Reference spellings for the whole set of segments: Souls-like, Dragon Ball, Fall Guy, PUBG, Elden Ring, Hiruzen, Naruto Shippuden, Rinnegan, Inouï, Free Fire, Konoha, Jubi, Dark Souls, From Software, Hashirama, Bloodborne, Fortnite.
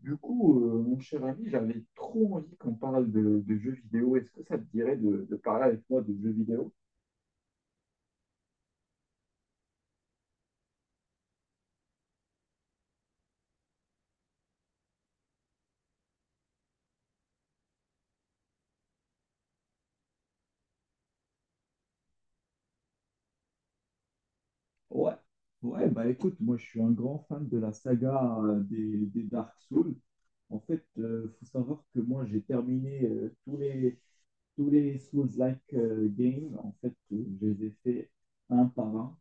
Mon cher ami, j'avais trop envie qu'on parle de jeux vidéo. Est-ce que ça te dirait de parler avec moi de jeux vidéo? Ouais, ouais, bah écoute, moi je suis un grand fan de la saga des Dark Souls. En fait, faut savoir que moi j'ai terminé tous les Souls-like games. En fait, je les ai fait un par un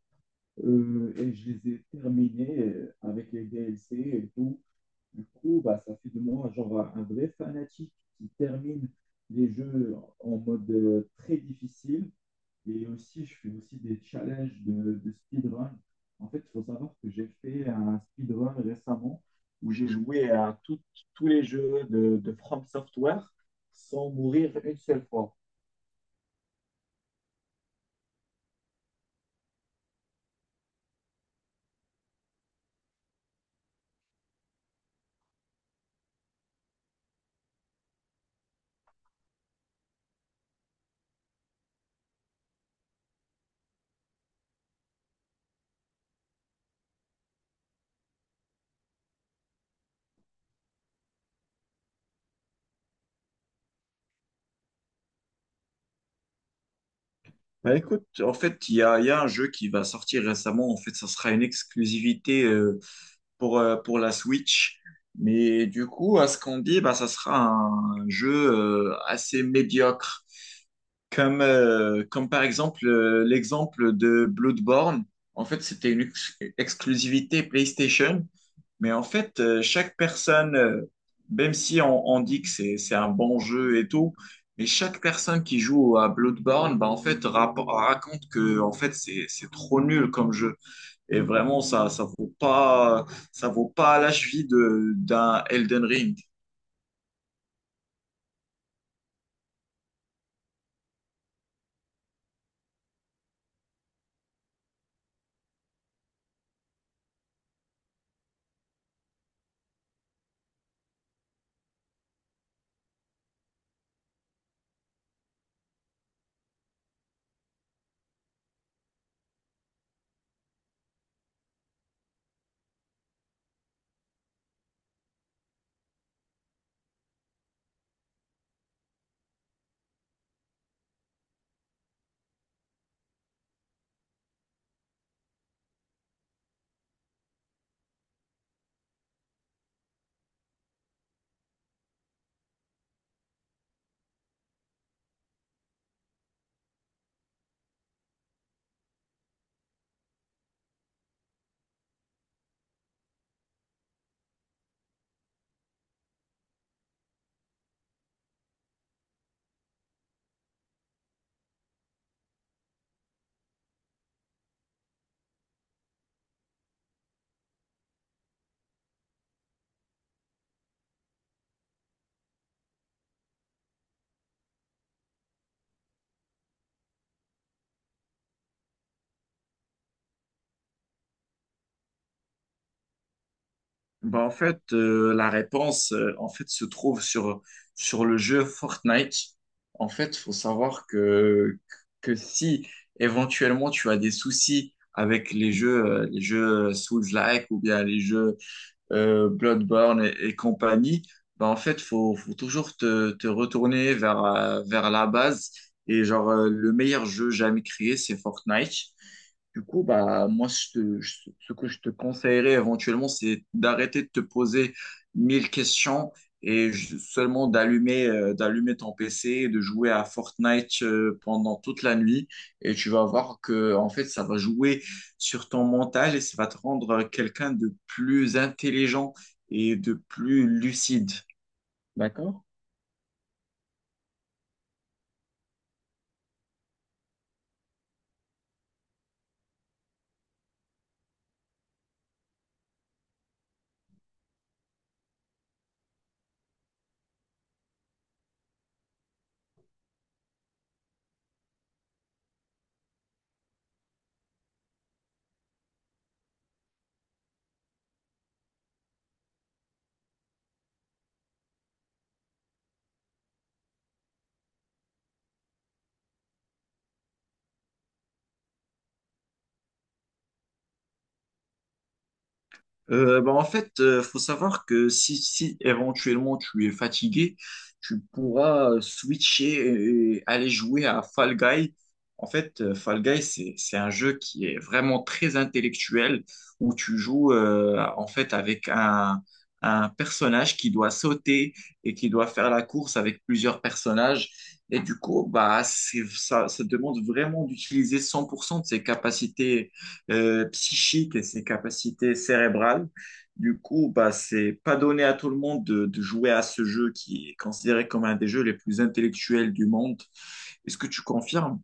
et je les ai terminés avec les DLC et tout. Du coup, bah, ça fait de moi genre un vrai fanatique qui termine les jeux en mode très difficile. Et aussi, je fais aussi des challenges de speedrun. En fait, il faut savoir que j'ai fait un speedrun récemment où j'ai joué à tous les jeux de From Software sans mourir une seule fois. Bah écoute, en fait, il y a un jeu qui va sortir récemment. En fait, ça sera une exclusivité pour la Switch. Du coup, à ce qu'on dit, bah, ça sera un jeu assez médiocre. Comme par exemple l'exemple de Bloodborne. En fait, c'était une exclusivité PlayStation. Mais en fait, chaque personne, même si on dit que c'est un bon jeu et tout, mais chaque personne qui joue à Bloodborne, bah, en fait, raconte que en fait, c'est trop nul comme jeu. Et vraiment, ça vaut pas la cheville d'un Elden Ring. Bah, en fait, la réponse en fait, se trouve sur le jeu Fortnite. En fait, faut savoir que si éventuellement tu as des soucis avec les jeux Souls-like ou bien les jeux Bloodborne et compagnie, bah en fait, faut toujours te retourner vers la base. Et genre, le meilleur jeu jamais créé, c'est Fortnite. Du coup, bah, moi, ce que je te conseillerais éventuellement, c'est d'arrêter de te poser mille questions et seulement d'allumer d'allumer ton PC, et de jouer à Fortnite pendant toute la nuit. Et tu vas voir que, en fait, ça va jouer sur ton mental et ça va te rendre quelqu'un de plus intelligent et de plus lucide. En fait, faut savoir que si, si éventuellement tu es fatigué, tu pourras switcher et aller jouer à Fall Guy. En fait, Fall Guy, c'est un jeu qui est vraiment très intellectuel où tu joues en fait avec un personnage qui doit sauter et qui doit faire la course avec plusieurs personnages. Et du coup, bah, ça demande vraiment d'utiliser 100% de ses capacités psychique et ses capacités cérébrales. Du coup, bah, c'est pas donné à tout le monde de jouer à ce jeu qui est considéré comme un des jeux les plus intellectuels du monde. Est-ce que tu confirmes?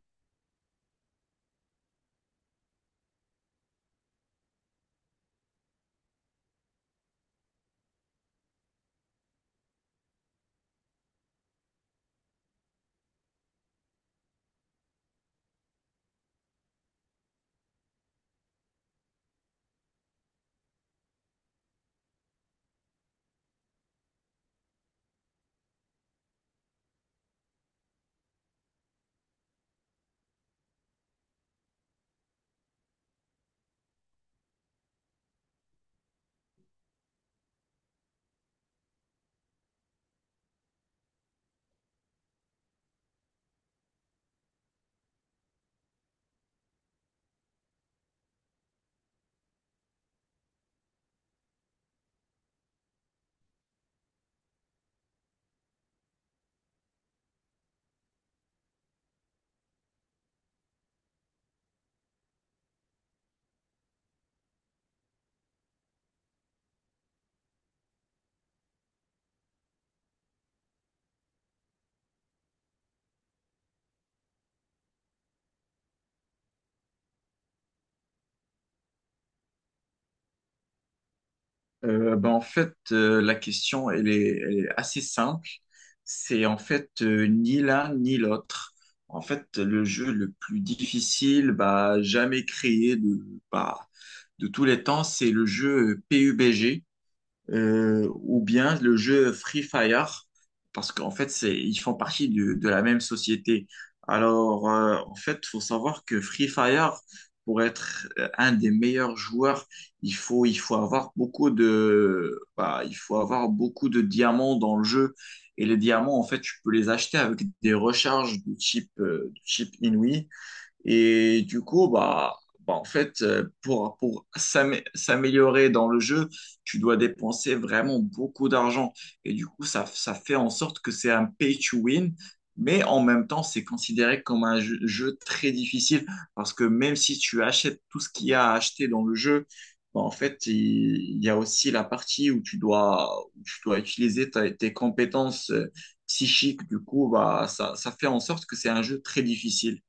En fait, la question, elle est assez simple. C'est en fait ni l'un ni l'autre. En fait, le jeu le plus difficile, bah, jamais créé bah, de tous les temps, c'est le jeu PUBG. Ou bien le jeu Free Fire, parce qu'en fait, ils font partie de la même société. Alors, en fait, faut savoir que Free Fire, pour être un des meilleurs joueurs, il faut avoir beaucoup il faut avoir beaucoup de diamants dans le jeu. Et les diamants, en fait, tu peux les acheter avec des recharges du type Inouï. Et du coup, en fait, pour s'améliorer dans le jeu, tu dois dépenser vraiment beaucoup d'argent. Et du coup, ça fait en sorte que c'est un pay to win, mais en même temps, c'est considéré comme un jeu très difficile parce que même si tu achètes tout ce qu'il y a à acheter dans le jeu, bah, en fait, il y a aussi la partie où tu dois utiliser tes compétences psychiques. Du coup, bah, ça fait en sorte que c'est un jeu très difficile.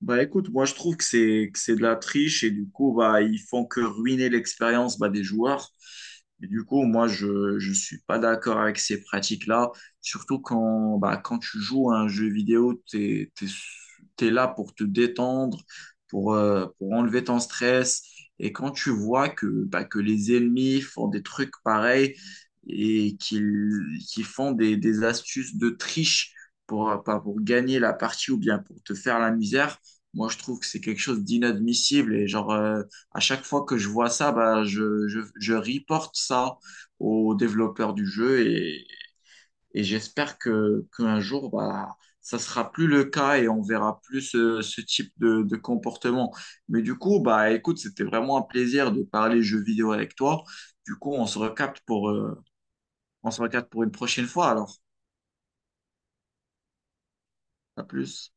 Bah écoute, moi je trouve que c'est de la triche et du coup bah ils font que ruiner l'expérience bah, des joueurs. Et du coup moi je suis pas d'accord avec ces pratiques-là, surtout quand bah quand tu joues à un jeu vidéo, t'es là pour te détendre, pour enlever ton stress et quand tu vois que bah que les ennemis font des trucs pareils et qu'ils font des astuces de triche pour pas pour gagner la partie ou bien pour te faire la misère. Moi, je trouve que c'est quelque chose d'inadmissible et genre à chaque fois que je vois ça, bah je reporte ça aux développeurs du jeu et j'espère que qu'un jour bah ça sera plus le cas et on verra plus ce type de comportement. Mais du coup, bah écoute, c'était vraiment un plaisir de parler jeux vidéo avec toi. Du coup, on se recapte pour une prochaine fois alors. À plus.